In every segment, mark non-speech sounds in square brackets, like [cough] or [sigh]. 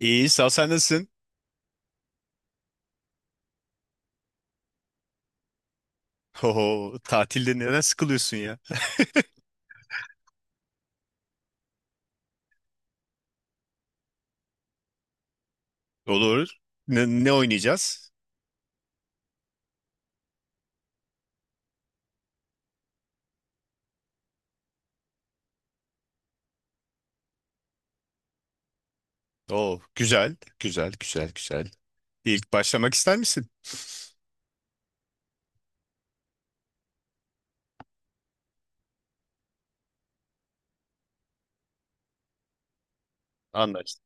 İyi, sağ ol, sen nasılsın? Oho, tatilde neden sıkılıyorsun ya? Olur. Ne oynayacağız? Oo, güzel, güzel, güzel, güzel. İlk başlamak ister misin? Anlaştık.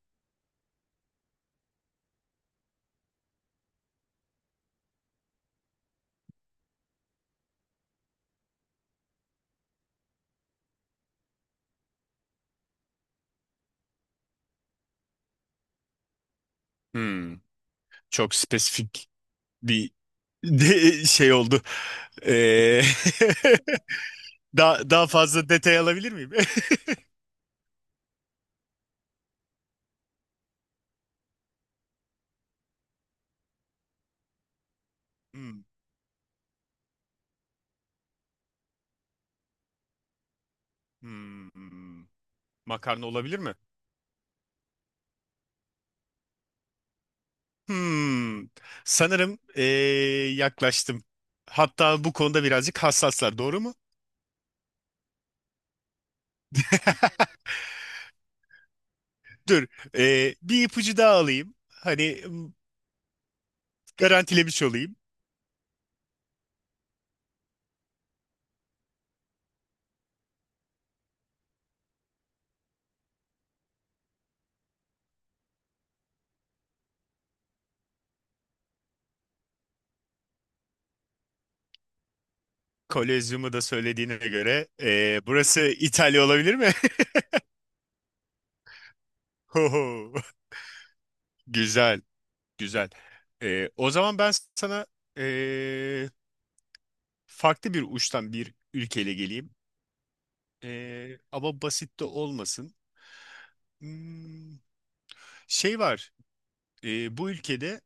Hmm, çok spesifik bir [laughs] de şey oldu. Ee, [laughs] daha fazla detay alabilir miyim? [laughs] Hmm, hmm, hmm. Makarna olabilir mi? Hmm, sanırım yaklaştım. Hatta bu konuda birazcık hassaslar, doğru mu? [laughs] Dur. Bir ipucu daha alayım. Garantilemiş olayım. Kolezyumu da söylediğine göre, burası İtalya olabilir mi? [laughs] Hoho. Güzel. Güzel. O zaman ben sana ee, farklı bir uçtan bir ülkeyle geleyim. Ama basit de olmasın. Hmm, şey var. Bu ülkede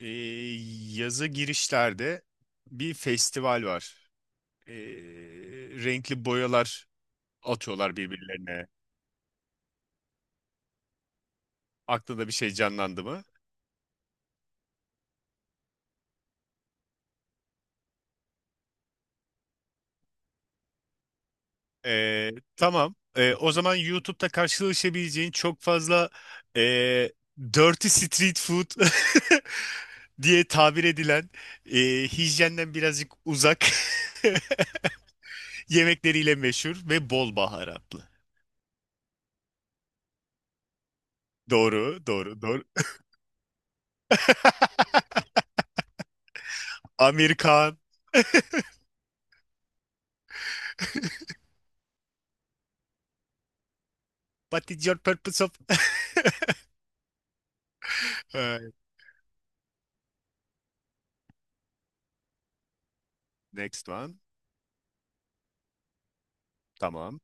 ee, yazı girişlerde bir festival var. Ee, renkli boyalar atıyorlar birbirlerine. Aklında bir şey canlandı mı? Ee, tamam. O zaman YouTube'da karşılaşabileceğin çok fazla ee, dirty street food [laughs] diye tabir edilen, hijyenden birazcık uzak [laughs] yemekleriyle meşhur ve bol baharatlı. Doğru, doğru, doğru. [laughs] Amerikan. What is your purpose of... [laughs] Ee, Next one. Tamam.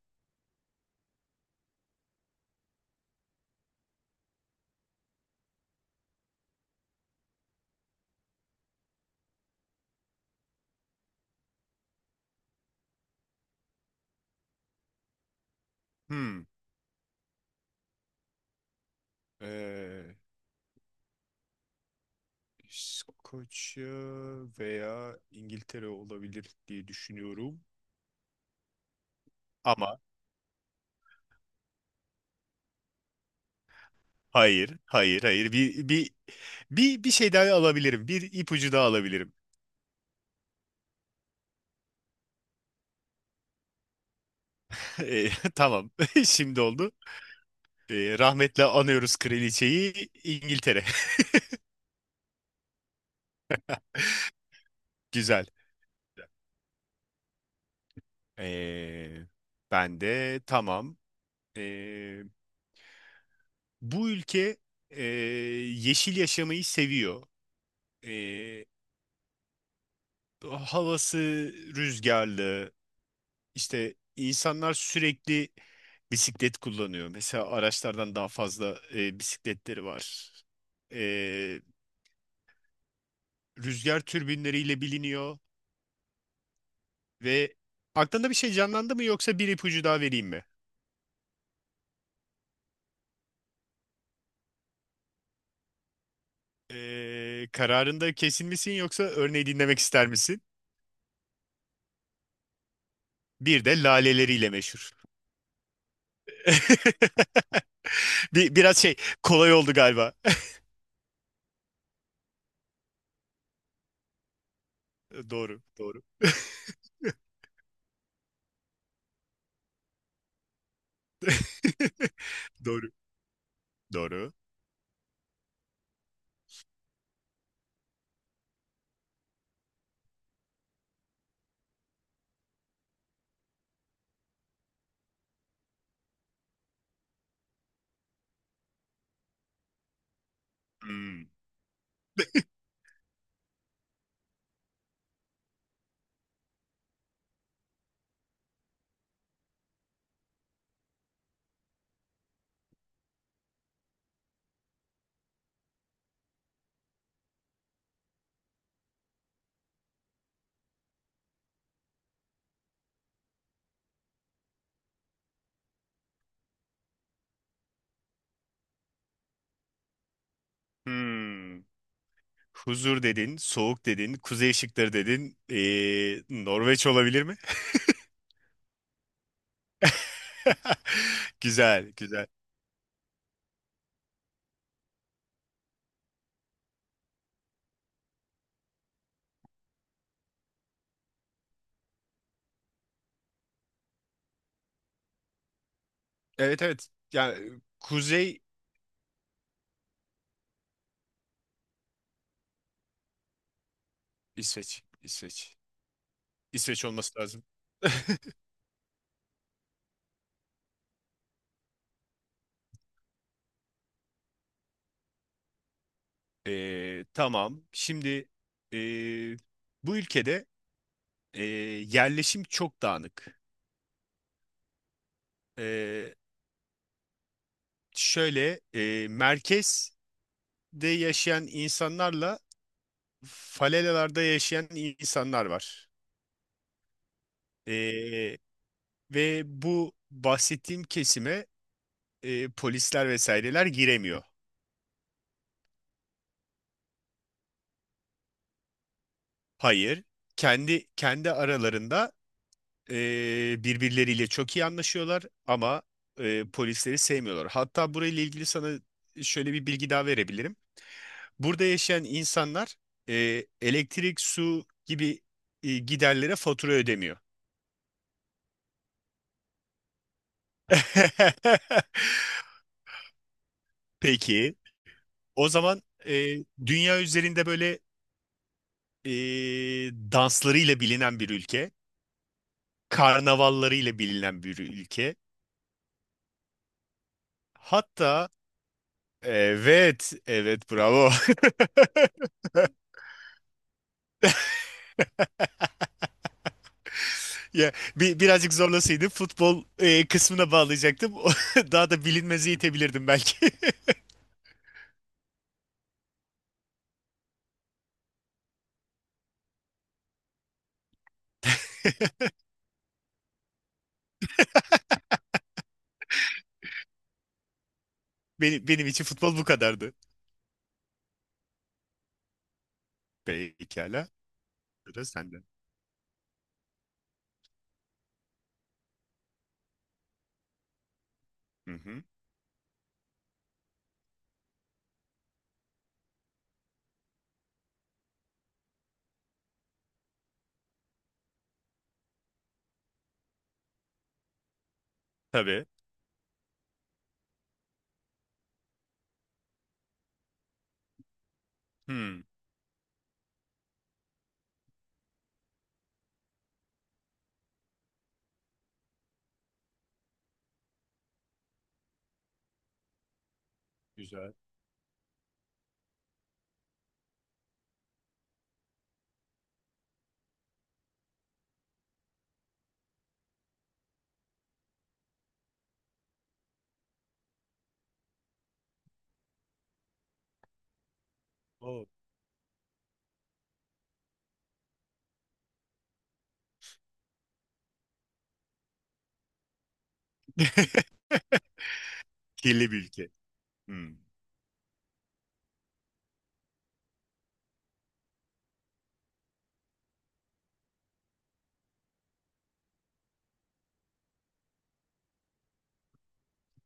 Hmm. İskoçya veya İngiltere olabilir diye düşünüyorum. Ama hayır, hayır, hayır. Bir şey daha alabilirim. Bir ipucu daha alabilirim. [laughs] E, tamam. [laughs] Şimdi oldu. E, rahmetle anıyoruz kraliçeyi, İngiltere. [laughs] Güzel. E, ben de tamam. E, bu ülke e, yeşil yaşamayı seviyor. E, havası rüzgarlı, İşte insanlar sürekli bisiklet kullanıyor. Mesela araçlardan daha fazla bisikletleri var. E, rüzgar türbinleriyle biliniyor ve aklında bir şey canlandı mı yoksa bir ipucu daha vereyim mi? E, kararında kesin misin yoksa örneği dinlemek ister misin? Bir de laleleriyle meşhur. [laughs] Bir, biraz şey kolay oldu galiba. [laughs] Doğru, doğru. [laughs] Doğru. Doğru. Hmm. Hmm. Huzur dedin, soğuk dedin, kuzey ışıkları dedin. Norveç olabilir mi? [laughs] Güzel, güzel. Evet evet. Yani kuzey İsveç, İsveç. İsveç olması lazım. [laughs] Tamam. Şimdi ee, bu ülkede ee, yerleşim çok dağınık. Ee, şöyle merkezde yaşayan insanlarla falelalarda yaşayan insanlar var. Ee, Ve bu bahsettiğim kesime polisler vesaireler giremiyor. Hayır, kendi aralarında birbirleriyle çok iyi anlaşıyorlar ama polisleri sevmiyorlar. Hatta burayla ilgili sana şöyle bir bilgi daha verebilirim. Burada yaşayan insanlar elektrik, su gibi giderlere fatura ödemiyor. [laughs] Peki, o zaman e, dünya üzerinde böyle e, danslarıyla bilinen bir ülke, karnavallarıyla bilinen bir ülke. Hatta evet, evet bravo. [laughs] Ya bir, birazcık zorlasaydı futbol kısmına bağlayacaktım. [laughs] Daha da bilinmezi itebilirdim belki. [laughs] Benim için futbol bu kadardı. Pekala. Sıra sende. Hı hı. Tabii. Hmm. Güzel. Oo. [laughs] Kirli bir ülke. Hmm.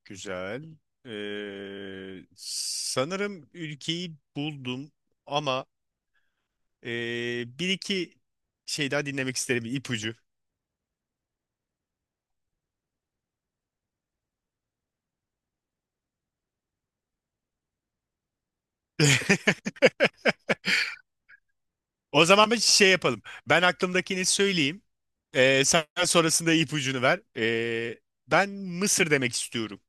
Güzel. Ee, sanırım ülkeyi buldum ama ee, bir iki şey daha dinlemek isterim, ipucu. [laughs] O zaman bir şey yapalım. Ben aklımdakini söyleyeyim. Sen sonrasında ipucunu ver. Ben Mısır demek istiyorum.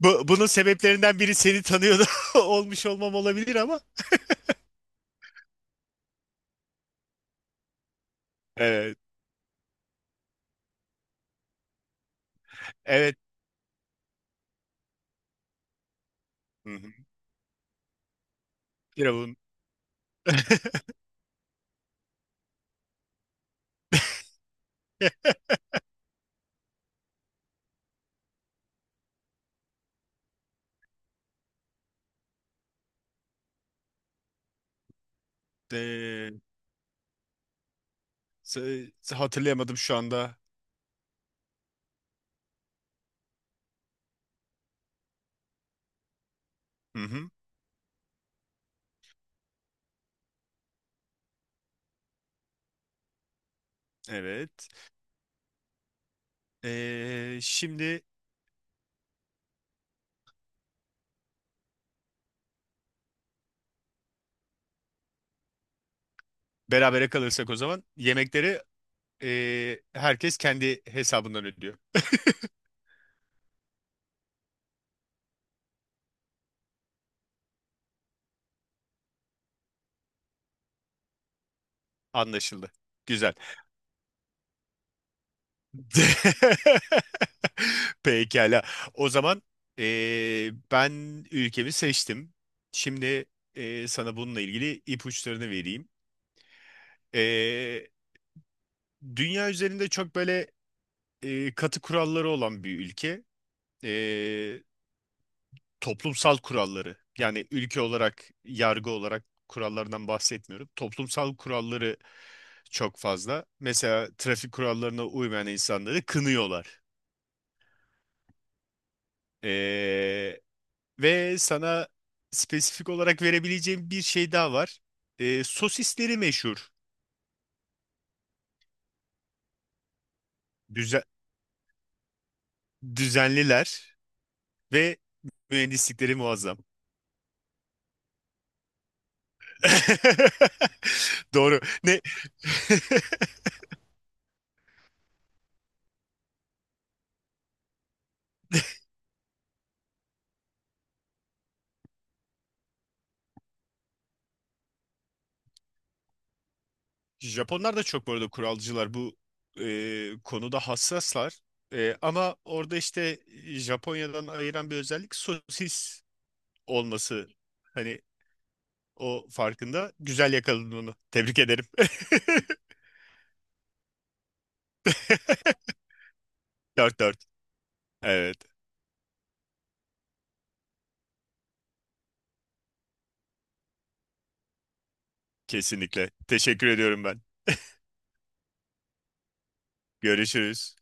Bunun sebeplerinden biri seni tanıyordu [laughs] olmuş olmam olabilir ama. Evet. Evet. Hı hı. Firavun. [laughs] Ee, s- hatırlayamadım şu anda. Hı hı. Evet. Şimdi berabere kalırsak o zaman yemekleri herkes kendi hesabından ödüyor. Anlaşıldı. Güzel. [laughs] Pekala. O zaman ben ülkemi seçtim. Şimdi sana bununla ilgili ipuçlarını vereyim. Ee, dünya üzerinde çok böyle katı kuralları olan bir ülke. Ee, toplumsal kuralları. Yani ülke olarak, yargı olarak kurallardan bahsetmiyorum. Toplumsal kuralları çok fazla. Mesela trafik kurallarına uymayan insanları kınıyorlar. Ee, ve sana spesifik olarak verebileceğim bir şey daha var. Sosisleri meşhur. Düze- düzenliler ve mühendislikleri muazzam. [laughs] Doğru. Ne? [laughs] Japonlar da çok bu arada kuralcılar. Bu konuda hassaslar. E, ama orada işte Japonya'dan ayıran bir özellik sosis olması. Hani o farkında. Güzel yakaladın onu. Tebrik ederim. [laughs] 4-4. Evet, kesinlikle. Teşekkür ediyorum ben. Görüşürüz.